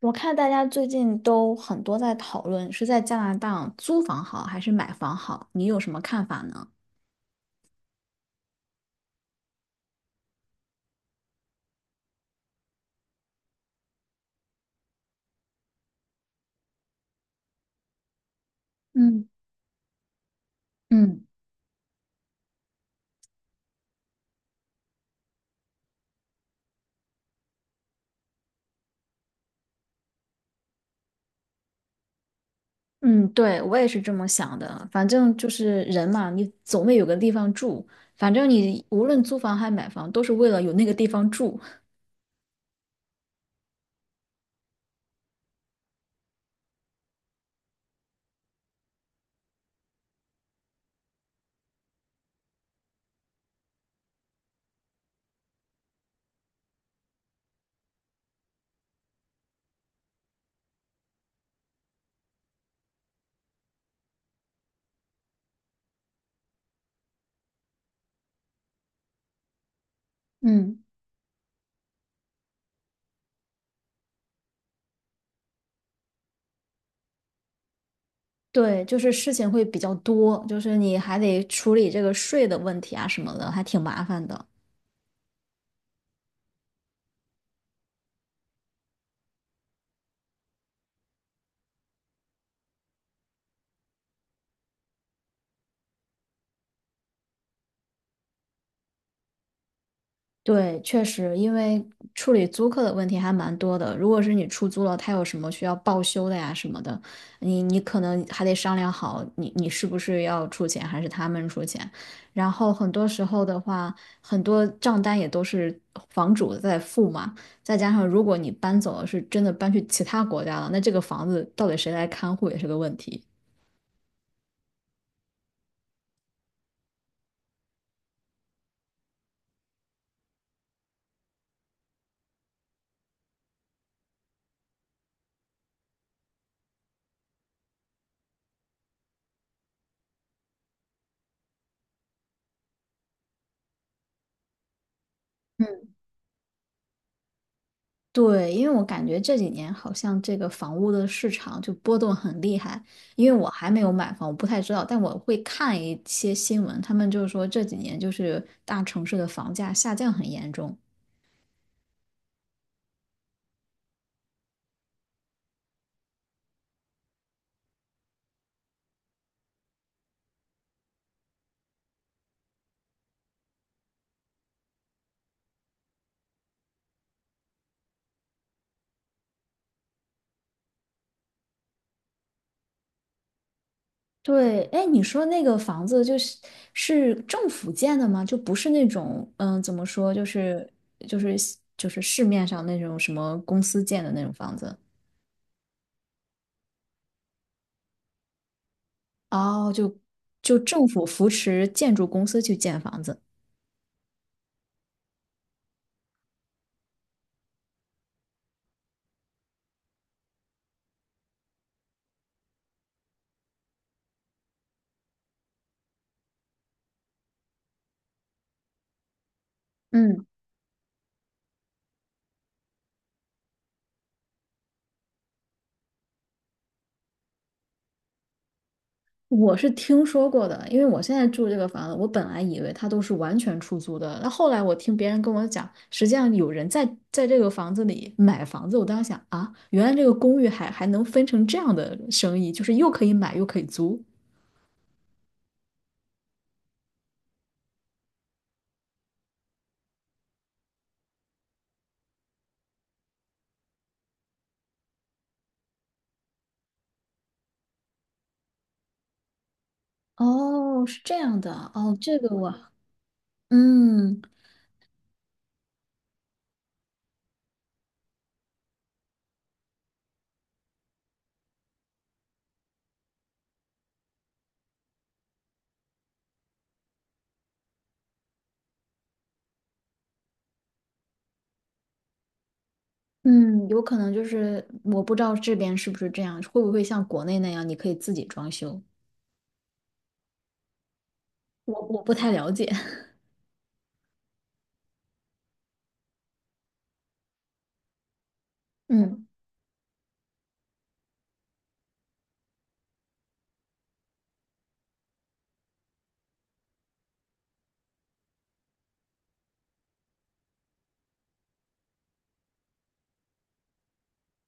我看大家最近都很多在讨论是在加拿大租房好还是买房好，你有什么看法呢？嗯嗯嗯，对，我也是这么想的。反正就是人嘛，你总得有个地方住。反正你无论租房还买房，都是为了有那个地方住。嗯对，就是事情会比较多，就是你还得处理这个税的问题啊什么的，还挺麻烦的。对，确实，因为处理租客的问题还蛮多的。如果是你出租了，他有什么需要报修的呀什么的，你可能还得商量好你，你是不是要出钱，还是他们出钱。然后很多时候的话，很多账单也都是房主在付嘛。再加上如果你搬走了，是真的搬去其他国家了，那这个房子到底谁来看护也是个问题。对，因为我感觉这几年好像这个房屋的市场就波动很厉害，因为我还没有买房，我不太知道，但我会看一些新闻，他们就是说这几年就是大城市的房价下降很严重。对，哎，你说那个房子就是是政府建的吗？就不是那种嗯，怎么说，就是就是市面上那种什么公司建的那种房子？哦，就政府扶持建筑公司去建房子。嗯。我是听说过的，因为我现在住这个房子，我本来以为它都是完全出租的，那后来我听别人跟我讲，实际上有人在这个房子里买房子，我当时想啊，原来这个公寓还能分成这样的生意，就是又可以买又可以租。哦，是这样的，哦，这个我，嗯嗯，有可能就是我不知道这边是不是这样，会不会像国内那样，你可以自己装修，我不太了解，嗯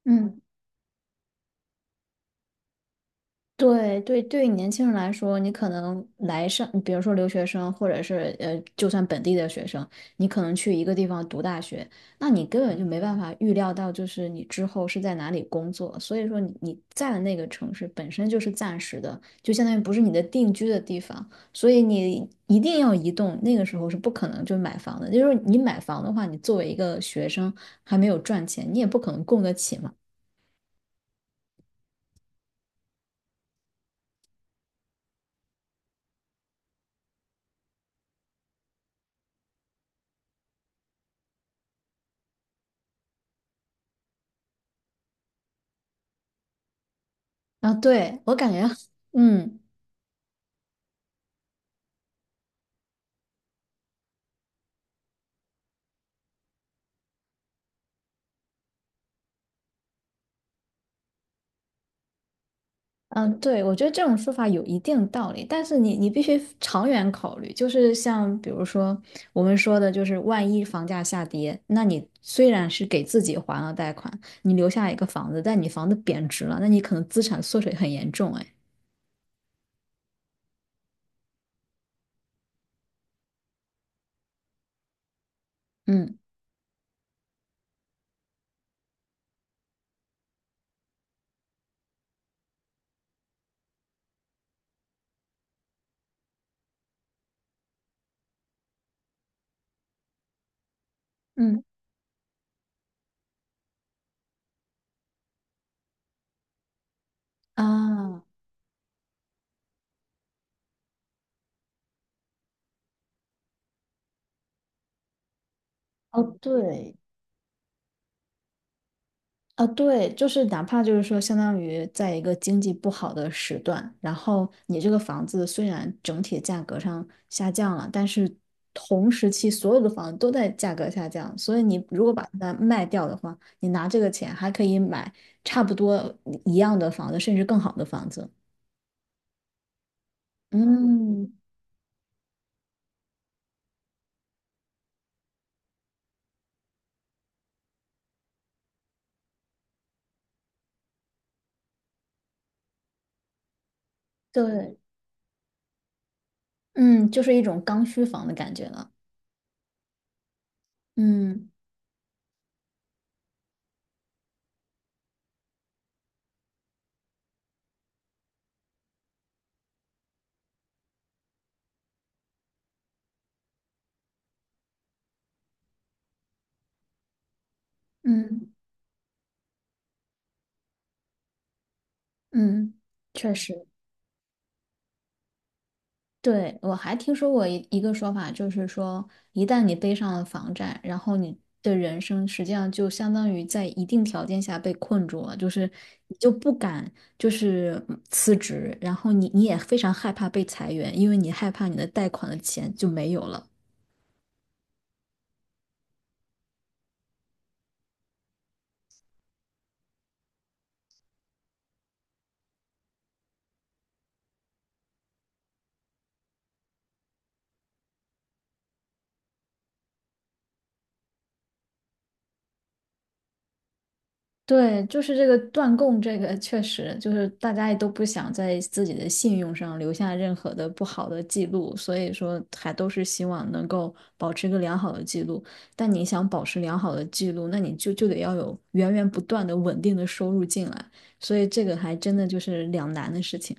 嗯。对对，对于年轻人来说，你可能来上，比如说留学生，或者是就算本地的学生，你可能去一个地方读大学，那你根本就没办法预料到，就是你之后是在哪里工作。所以说你，你在的那个城市本身就是暂时的，就相当于不是你的定居的地方，所以你一定要移动。那个时候是不可能就买房的，就是你买房的话，你作为一个学生还没有赚钱，你也不可能供得起嘛。啊，对，我感觉，嗯。嗯，对，我觉得这种说法有一定道理，但是你必须长远考虑，就是像比如说我们说的，就是万一房价下跌，那你虽然是给自己还了贷款，你留下一个房子，但你房子贬值了，那你可能资产缩水很严重，哎，嗯嗯啊，哦，对，啊，对，就是哪怕就是说，相当于在一个经济不好的时段，然后你这个房子虽然整体价格上下降了，但是同时期所有的房子都在价格下降，所以你如果把它卖掉的话，你拿这个钱还可以买差不多一样的房子，甚至更好的房子。嗯，对，嗯，就是一种刚需房的感觉了。嗯嗯嗯，确实。对，我还听说过一个说法，就是说，一旦你背上了房贷，然后你的人生实际上就相当于在一定条件下被困住了，就是你就不敢就是辞职，然后你也非常害怕被裁员，因为你害怕你的贷款的钱就没有了。对，就是这个断供，这个确实就是大家也都不想在自己的信用上留下任何的不好的记录，所以说还都是希望能够保持一个良好的记录。但你想保持良好的记录，那你就得要有源源不断的稳定的收入进来，所以这个还真的就是两难的事情。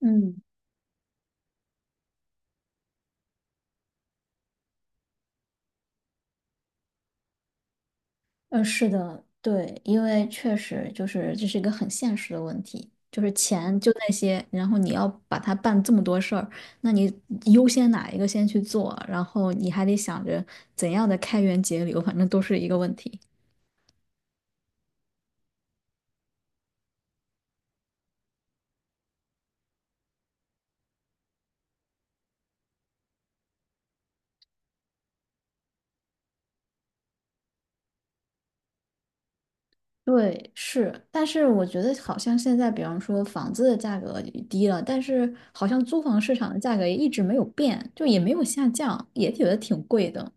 嗯。嗯，是的，对，因为确实就是这是一个很现实的问题，就是钱就那些，然后你要把它办这么多事儿，那你优先哪一个先去做，然后你还得想着怎样的开源节流，反正都是一个问题。对，是，但是我觉得好像现在，比方说房子的价格也低了，但是好像租房市场的价格也一直没有变，就也没有下降，也觉得挺贵的。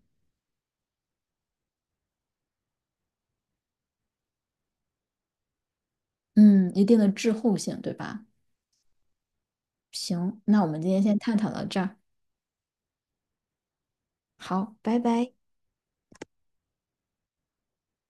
嗯，一定的滞后性，对吧？行，那我们今天先探讨到这儿。好，拜拜。